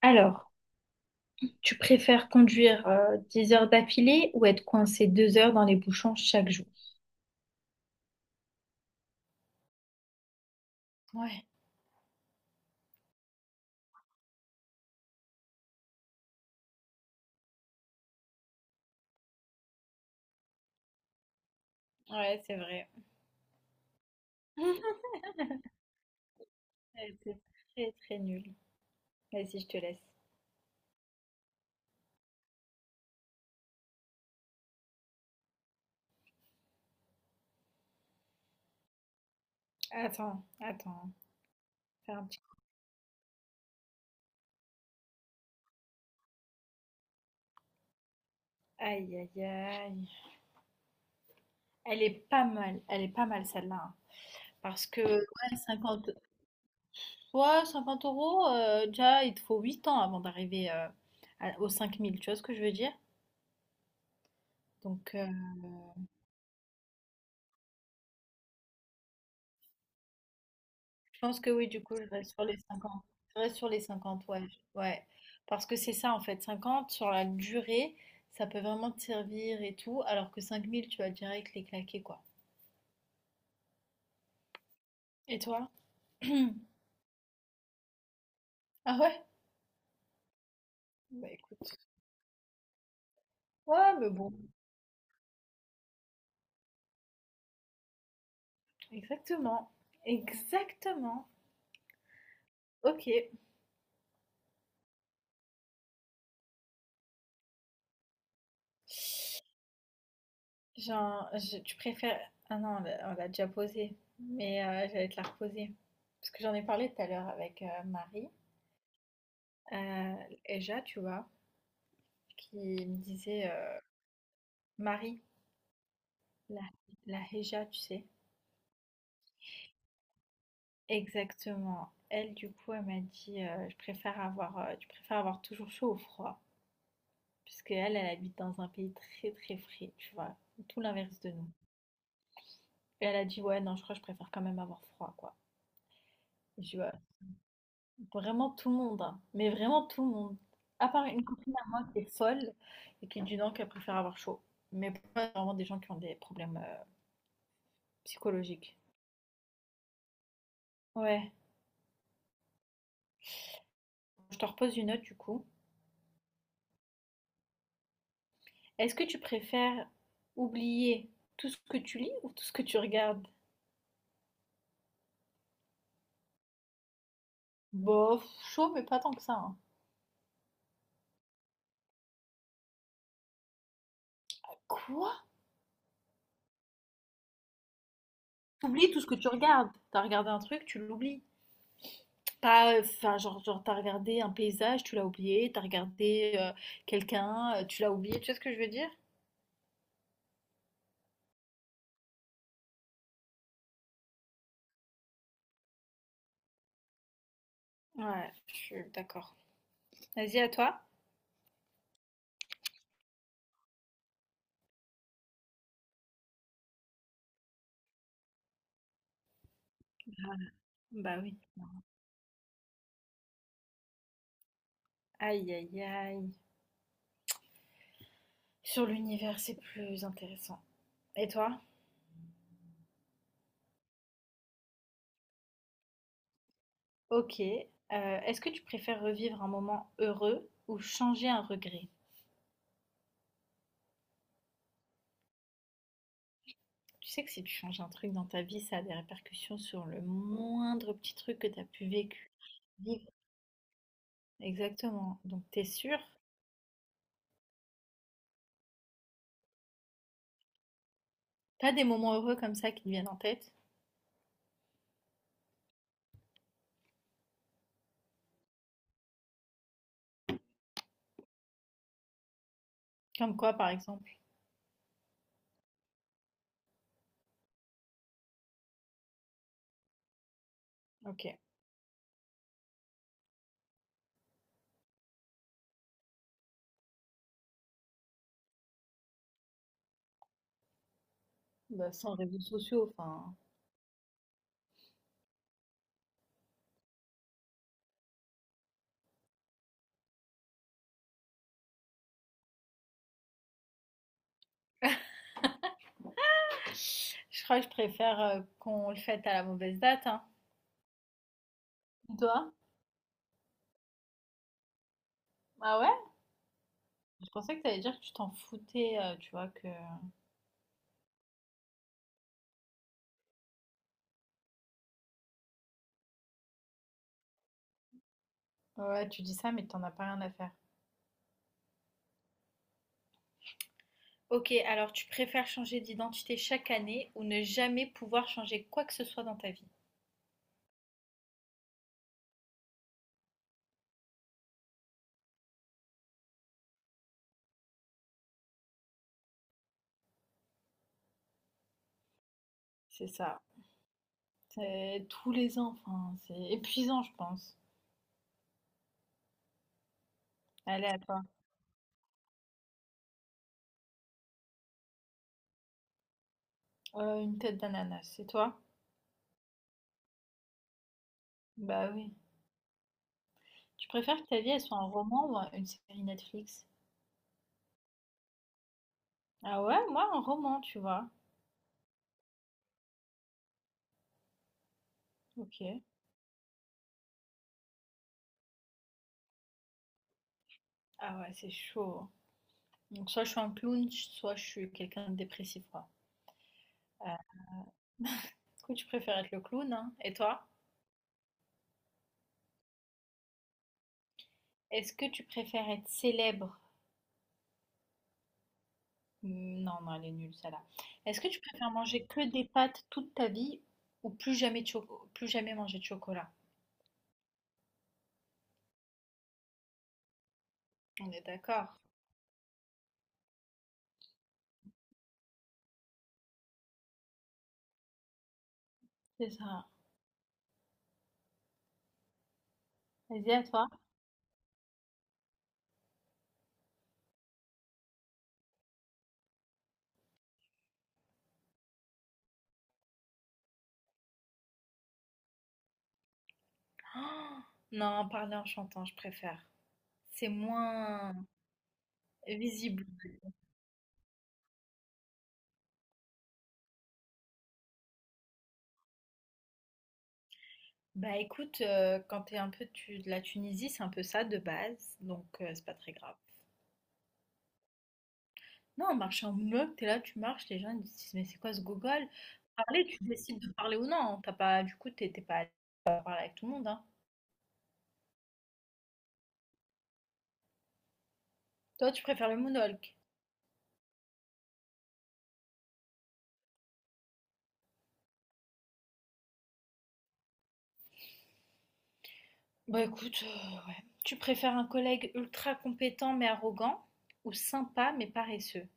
Alors, tu préfères conduire 10 heures d'affilée ou être coincé 2 heures dans les bouchons chaque jour? Ouais, ouais, c'est vrai. Ouais, c'est très très nul. Vas-y, je te laisse. Attends, attends. Fais un petit- Aïe, aïe, aïe. Elle est pas mal, elle est pas mal celle-là, hein. Parce que, ouais, 50, ouais, 50 euros, déjà, il te faut 8 ans avant d'arriver aux 5000, tu vois ce que je veux dire? Donc, je pense que oui, du coup, je reste sur les 50. Je reste sur les 50, ouais. Ouais. Parce que c'est ça, en fait. 50, sur la durée, ça peut vraiment te servir et tout. Alors que 5000, tu vas direct les claquer, quoi. Et toi? Ah ouais? Bah écoute. Ouais, mais bon. Exactement. Exactement. Ok. Genre, tu préfères. Ah non, on l'a déjà posé. Mais j'allais te la reposer. Parce que j'en ai parlé tout à l'heure avec Marie. Euh, Eja, tu vois, qui me disait, Marie, la la Héja, tu sais? Exactement. Elle, du coup, elle m'a dit je préfère avoir, tu préfères avoir toujours chaud ou froid, puisque elle, elle habite dans un pays très très frais, tu vois, tout l'inverse de nous. Et elle a dit ouais, non, je crois que je préfère quand même avoir froid, quoi. Je vois vraiment tout le monde, hein, mais vraiment tout le monde. À part une copine à moi qui est folle et qui dit non, qu'elle préfère avoir chaud. Mais pour moi, c'est vraiment des gens qui ont des problèmes psychologiques. Ouais, je te repose une note du coup. Est-ce que tu préfères oublier tout ce que tu lis ou tout ce que tu regardes? Bof, chaud, mais pas tant que ça, hein. Quoi? T'oublies tout ce que tu regardes. T'as regardé un truc, tu l'oublies. Pas, enfin, genre t'as regardé un paysage, tu l'as oublié. T'as regardé quelqu'un, tu l'as oublié. Tu sais ce que je veux dire? Ouais, je suis d'accord. Vas-y, à toi. Bah oui. Aïe, aïe, aïe. Sur l'univers, c'est plus intéressant. Et toi? Ok. Est-ce que tu préfères revivre un moment heureux ou changer un regret? Tu sais que si tu changes un truc dans ta vie, ça a des répercussions sur le moindre petit truc que tu as pu vécu, vivre. Exactement. Donc t'es sûr? T'as des moments heureux comme ça qui te viennent en tête? Comme quoi, par exemple? Ok. Bah, sans réseaux sociaux, enfin. Je crois que je préfère qu'on le fête à la mauvaise date, hein. Et toi? Ah ouais? Je pensais que t'allais dire que tu t'en foutais, tu vois, que... Ouais, tu dis ça, mais t'en as pas rien à faire. Ok, alors tu préfères changer d'identité chaque année ou ne jamais pouvoir changer quoi que ce soit dans ta vie? C'est ça. C'est tous les ans, enfin, c'est épuisant, je pense. Allez, à toi. Une tête d'ananas, c'est toi? Bah oui. Tu préfères que ta vie elle soit un roman ou une série Netflix? Ah ouais, moi un roman, tu vois. Ok. Ah ouais, c'est chaud. Donc soit je suis un clown, soit je suis quelqu'un de dépressif, quoi. Euh, du coup, tu préfères être le clown, hein? Et toi? Est-ce que tu préfères être célèbre? Non, non, elle est nulle, celle-là. Est-ce que tu préfères manger que des pâtes toute ta vie ou plus jamais manger de chocolat? On est d'accord. C'est ça. Vas-y, à toi. Oh, non, parler en chantant, je préfère. C'est moins visible. Bah écoute, quand t'es un peu de la Tunisie, c'est un peu ça de base, donc c'est pas très grave. Non, marcher en bloc, t'es là, tu marches, les gens ils disent mais c'est quoi ce gogol? Parler, tu décides de parler ou non. T'as pas, du coup, t'es pas à parler avec tout le monde, hein. Toi, tu préfères le moonwalk. Bah écoute, ouais. Tu préfères un collègue ultra compétent mais arrogant ou sympa mais paresseux,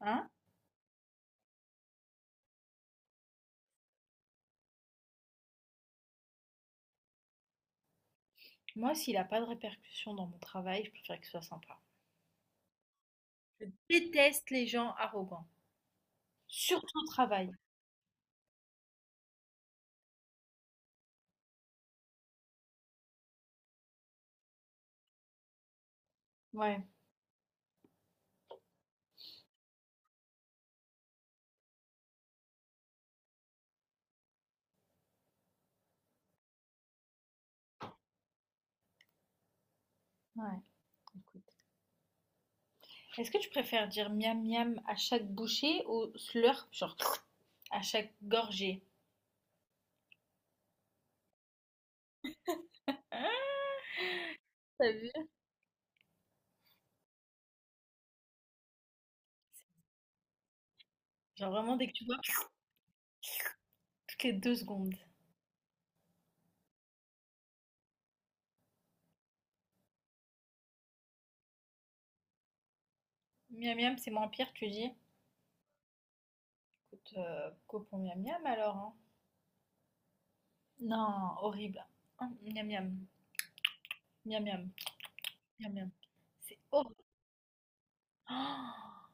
hein? Moi, s'il n'a pas de répercussions dans mon travail, je préfère qu'il soit sympa. Je déteste les gens arrogants, surtout au travail. Ouais, ouais, écoute. Est-ce que tu préfères dire miam miam à chaque bouchée ou slurp, genre à chaque gorgée? Hein, t'as vu? Genre vraiment dès que tu vois toutes les 2 secondes. Miam miam, c'est moins pire, tu dis. Écoute, copons miam miam alors, hein. Non, horrible. Hein, miam miam, miam miam, miam miam. C'est horrible. Oh